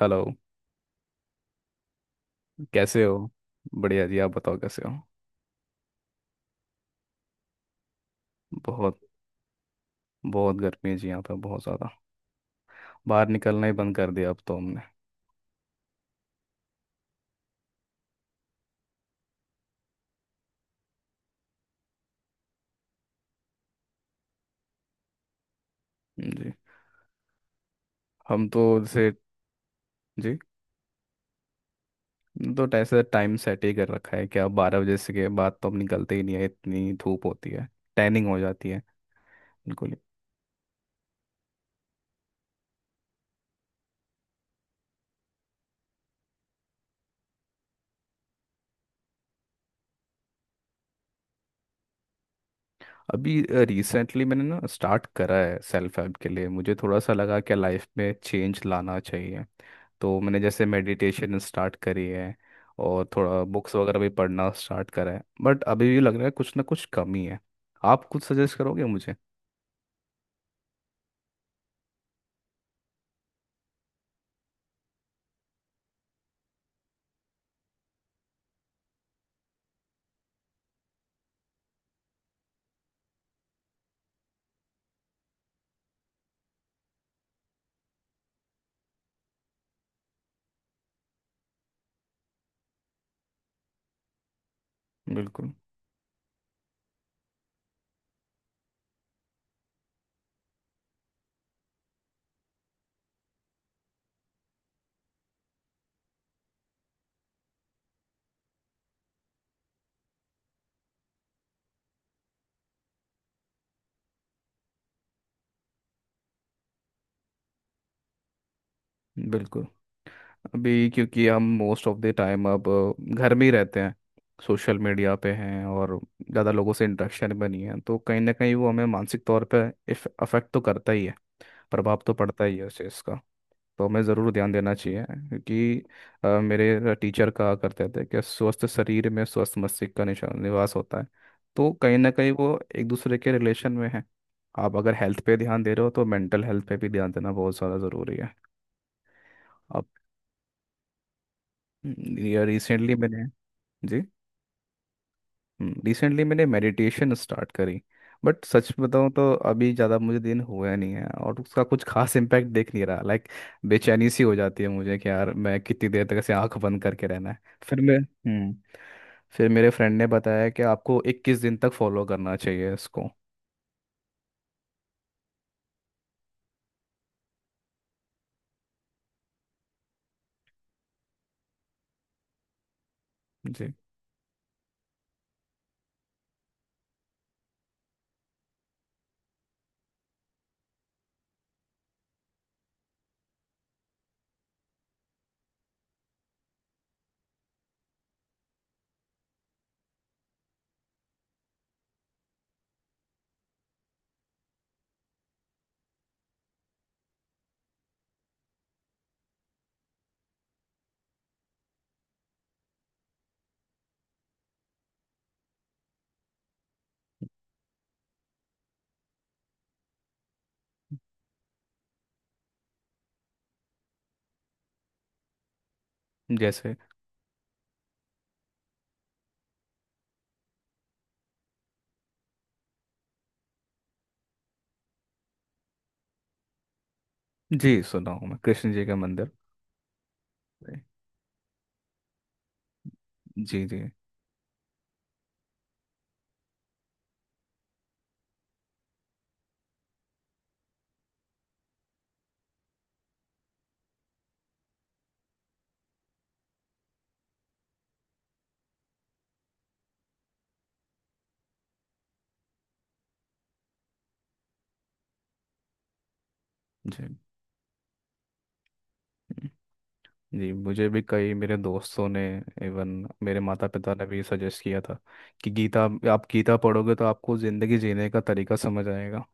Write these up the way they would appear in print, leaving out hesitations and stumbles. Hello. कैसे हो? बढ़िया जी, आप बताओ कैसे हो। बहुत बहुत गर्मी है जी, यहाँ पे बहुत ज़्यादा। बाहर निकलना ही बंद कर दिया अब तो हमने। जी। हम तो जैसे जी। तो ऐसे टाइम सेट ही कर रखा है कि अब बारह बजे से के बाद तो हम निकलते ही नहीं है, इतनी धूप होती है। टैनिंग हो जाती है बिल्कुल ही। अभी रिसेंटली मैंने ना स्टार्ट करा है सेल्फ हेल्प के लिए। मुझे थोड़ा सा लगा कि लाइफ में चेंज लाना चाहिए, तो मैंने जैसे मेडिटेशन स्टार्ट करी है और थोड़ा बुक्स वगैरह भी पढ़ना स्टार्ट करा है, बट अभी भी लग रहा है कुछ ना कुछ कमी है। आप कुछ सजेस्ट करोगे मुझे? बिल्कुल। बिल्कुल। अभी क्योंकि हम मोस्ट ऑफ द टाइम अब घर में ही रहते हैं, सोशल मीडिया पे हैं, और ज़्यादा लोगों से इंटरेक्शन भी नहीं है, तो कहीं ना कहीं वो हमें मानसिक तौर पे अफेक्ट तो करता ही है। प्रभाव तो पड़ता ही है उस चीज़ का। तो हमें ज़रूर ध्यान देना चाहिए क्योंकि मेरे टीचर कहा करते थे कि स्वस्थ शरीर में स्वस्थ मस्तिष्क का निवास होता है। तो कहीं ना कहीं वो एक दूसरे के रिलेशन में है। आप अगर हेल्थ पे ध्यान दे रहे हो तो मेंटल हेल्थ पे भी ध्यान देना बहुत ज़्यादा ज़रूरी है। अब ये रिसेंटली मैंने। जी। रिसेंटली मैंने मेडिटेशन स्टार्ट करी, बट सच बताऊं तो अभी ज़्यादा मुझे दिन हुआ नहीं है और उसका कुछ खास इम्पैक्ट दिख नहीं रहा। लाइक बेचैनी सी हो जाती है मुझे कि यार मैं कितनी देर तक ऐसे आंख बंद करके रहना है। फिर मैं हम्म फिर मेरे फ्रेंड ने बताया कि आपको 21 दिन तक फॉलो करना चाहिए इसको। जी। जैसे। जी, सुना हूँ मैं, कृष्ण जी का मंदिर। जी जी। जी। जी, मुझे भी कई मेरे दोस्तों ने, इवन मेरे माता पिता ने भी सजेस्ट किया था कि गीता, आप गीता पढ़ोगे तो आपको ज़िंदगी जीने का तरीका समझ आएगा।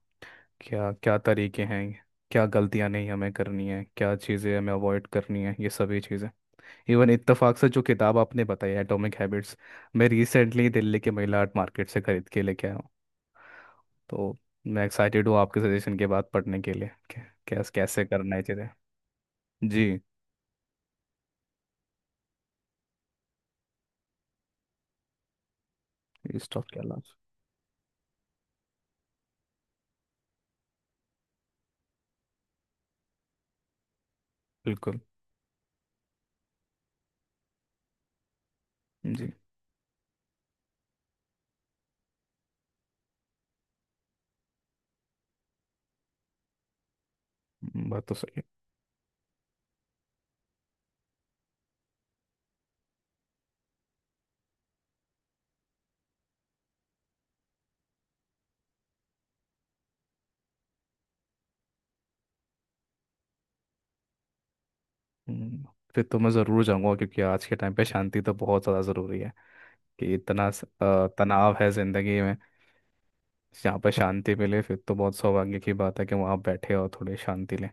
क्या क्या तरीके हैं, क्या गलतियां नहीं हमें करनी है, क्या चीज़ें हमें अवॉइड करनी है, ये सभी चीज़ें। इवन इत्तेफाक से जो किताब आपने बताई, एटॉमिक हैबिट्स, मैं रिसेंटली दिल्ली के महिला आर्ट मार्केट से खरीद के लेके आया हूँ। तो मैं एक्साइटेड हूँ आपके सजेशन के बाद पढ़ने के लिए कैसे कैसे करना है चीज़ें। जी। इस टॉप के अलावा। बिल्कुल। जी। बात तो सही है। हम्म, फिर तो मैं ज़रूर जाऊंगा क्योंकि आज के टाइम पे शांति तो बहुत ज़्यादा ज़रूरी है। कि इतना तनाव है ज़िंदगी में। जहाँ पे शांति मिले फिर तो बहुत सौभाग्य की बात है कि वहाँ आप बैठे और थोड़ी शांति लें।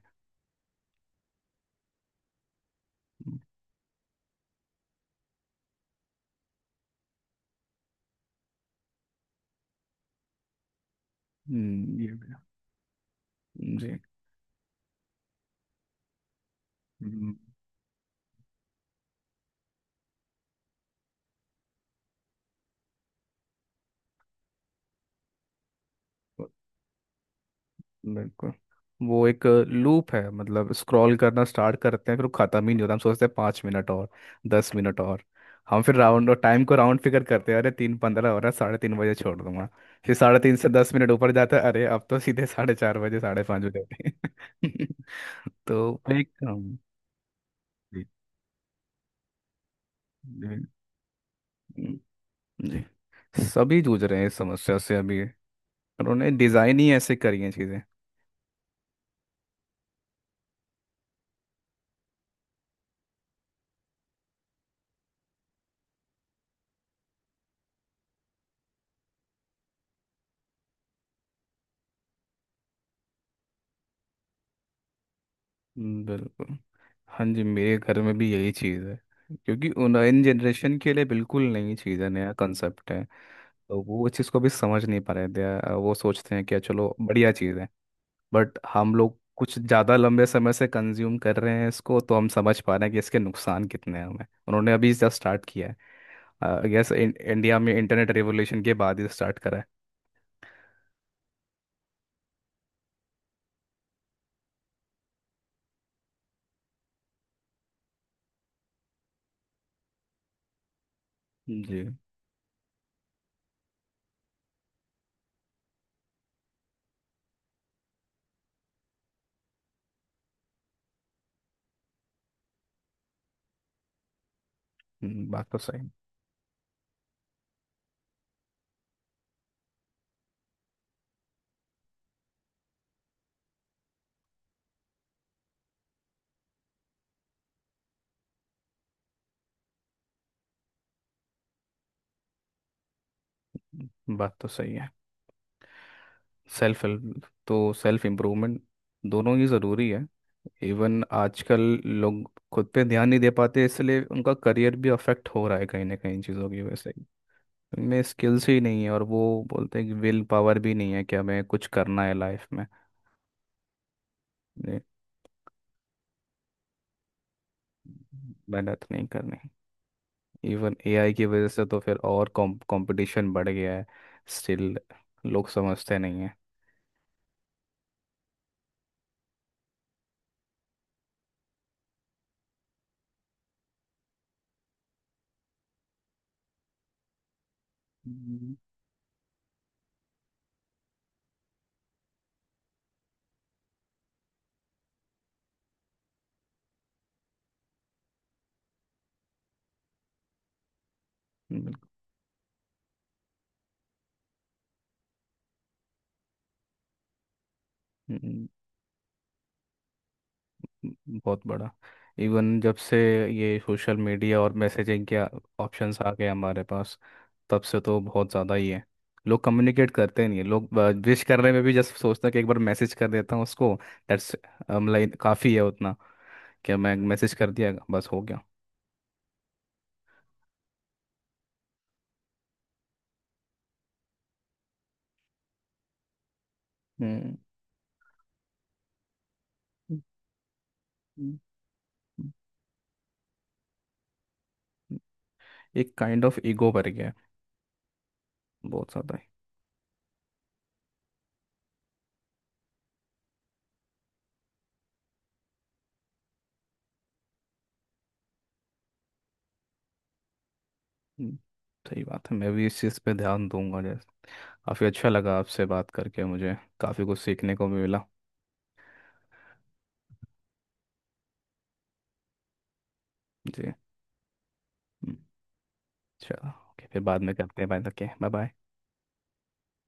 हम्म। ये भी है। जी। हम्म, बिल्कुल। वो एक लूप है, मतलब स्क्रॉल करना स्टार्ट करते हैं फिर वो खत्म ही नहीं होता। हम सोचते हैं पाँच मिनट और, दस मिनट और। हम फिर राउंड, और टाइम को राउंड फिगर करते हैं, अरे तीन पंद्रह हो रहा है, साढ़े तीन बजे छोड़ दूंगा। फिर साढ़े तीन से दस मिनट ऊपर जाता है, अरे अब तो सीधे साढ़े चार बजे, साढ़े पाँच बजे होते हैं। तो एक हम- जी। जी। जी, सभी जूझ रहे हैं इस समस्या से अभी। उन्होंने डिज़ाइन ही ऐसे करी है चीज़ें। बिल्कुल। हाँ जी, मेरे घर में भी यही चीज़ है क्योंकि उन इन जनरेशन के लिए बिल्कुल नई चीज़ है, नया कंसेप्ट है। तो वो इस चीज़ को भी समझ नहीं पा रहे थे। वो सोचते हैं कि चलो बढ़िया चीज़ है। बट हम लोग कुछ ज़्यादा लंबे समय से कंज्यूम कर रहे हैं इसको, तो हम समझ पा रहे हैं कि इसके नुकसान कितने हैं। हमें, उन्होंने अभी जस्ट स्टार्ट किया है। आई गेस इंडिया में इंटरनेट रेवोल्यूशन के बाद ही स्टार्ट करा है। जी। हम्म, बात तो सही बात तो सही है। सेल्फ हेल्प तो सेल्फ इम्प्रूवमेंट, दोनों ही ज़रूरी है। इवन आजकल लोग खुद पे ध्यान नहीं दे पाते इसलिए उनका करियर भी अफेक्ट हो रहा है कहीं ना कहीं इन चीज़ों की वजह से। उनमें स्किल्स ही नहीं है और वो बोलते हैं कि विल पावर भी नहीं है कि हमें कुछ करना है लाइफ में। ये मेहनत नहीं करनी। इवन एआई की वजह से तो फिर और कंपटीशन बढ़ गया है। स्टिल लोग समझते नहीं है। हम्म, बिल्कुल। बहुत बड़ा। इवन जब से ये सोशल मीडिया और मैसेजिंग के ऑप्शंस आ गए हमारे पास, तब से तो बहुत ज़्यादा ही है। लोग कम्युनिकेट करते नहीं है। लोग विश करने में भी जस्ट सोचते हैं कि एक बार मैसेज कर देता हूँ उसको। दैट्स लाइक काफ़ी है उतना, कि मैं मैसेज कर दिया बस हो गया। हम्म। हम्म। हम्म। हम्म। एक काइंड ऑफ ईगो भर गया है, बहुत ज़्यादा ही। हम्म, सही बात है। मैं भी इस चीज़ पे ध्यान दूंगा। जैसे काफ़ी अच्छा लगा आपसे बात करके, मुझे काफ़ी कुछ सीखने को भी मिला। जी। हम्म। चलो ओके, फिर बाद में करते हैं बात। Okay, bye bye.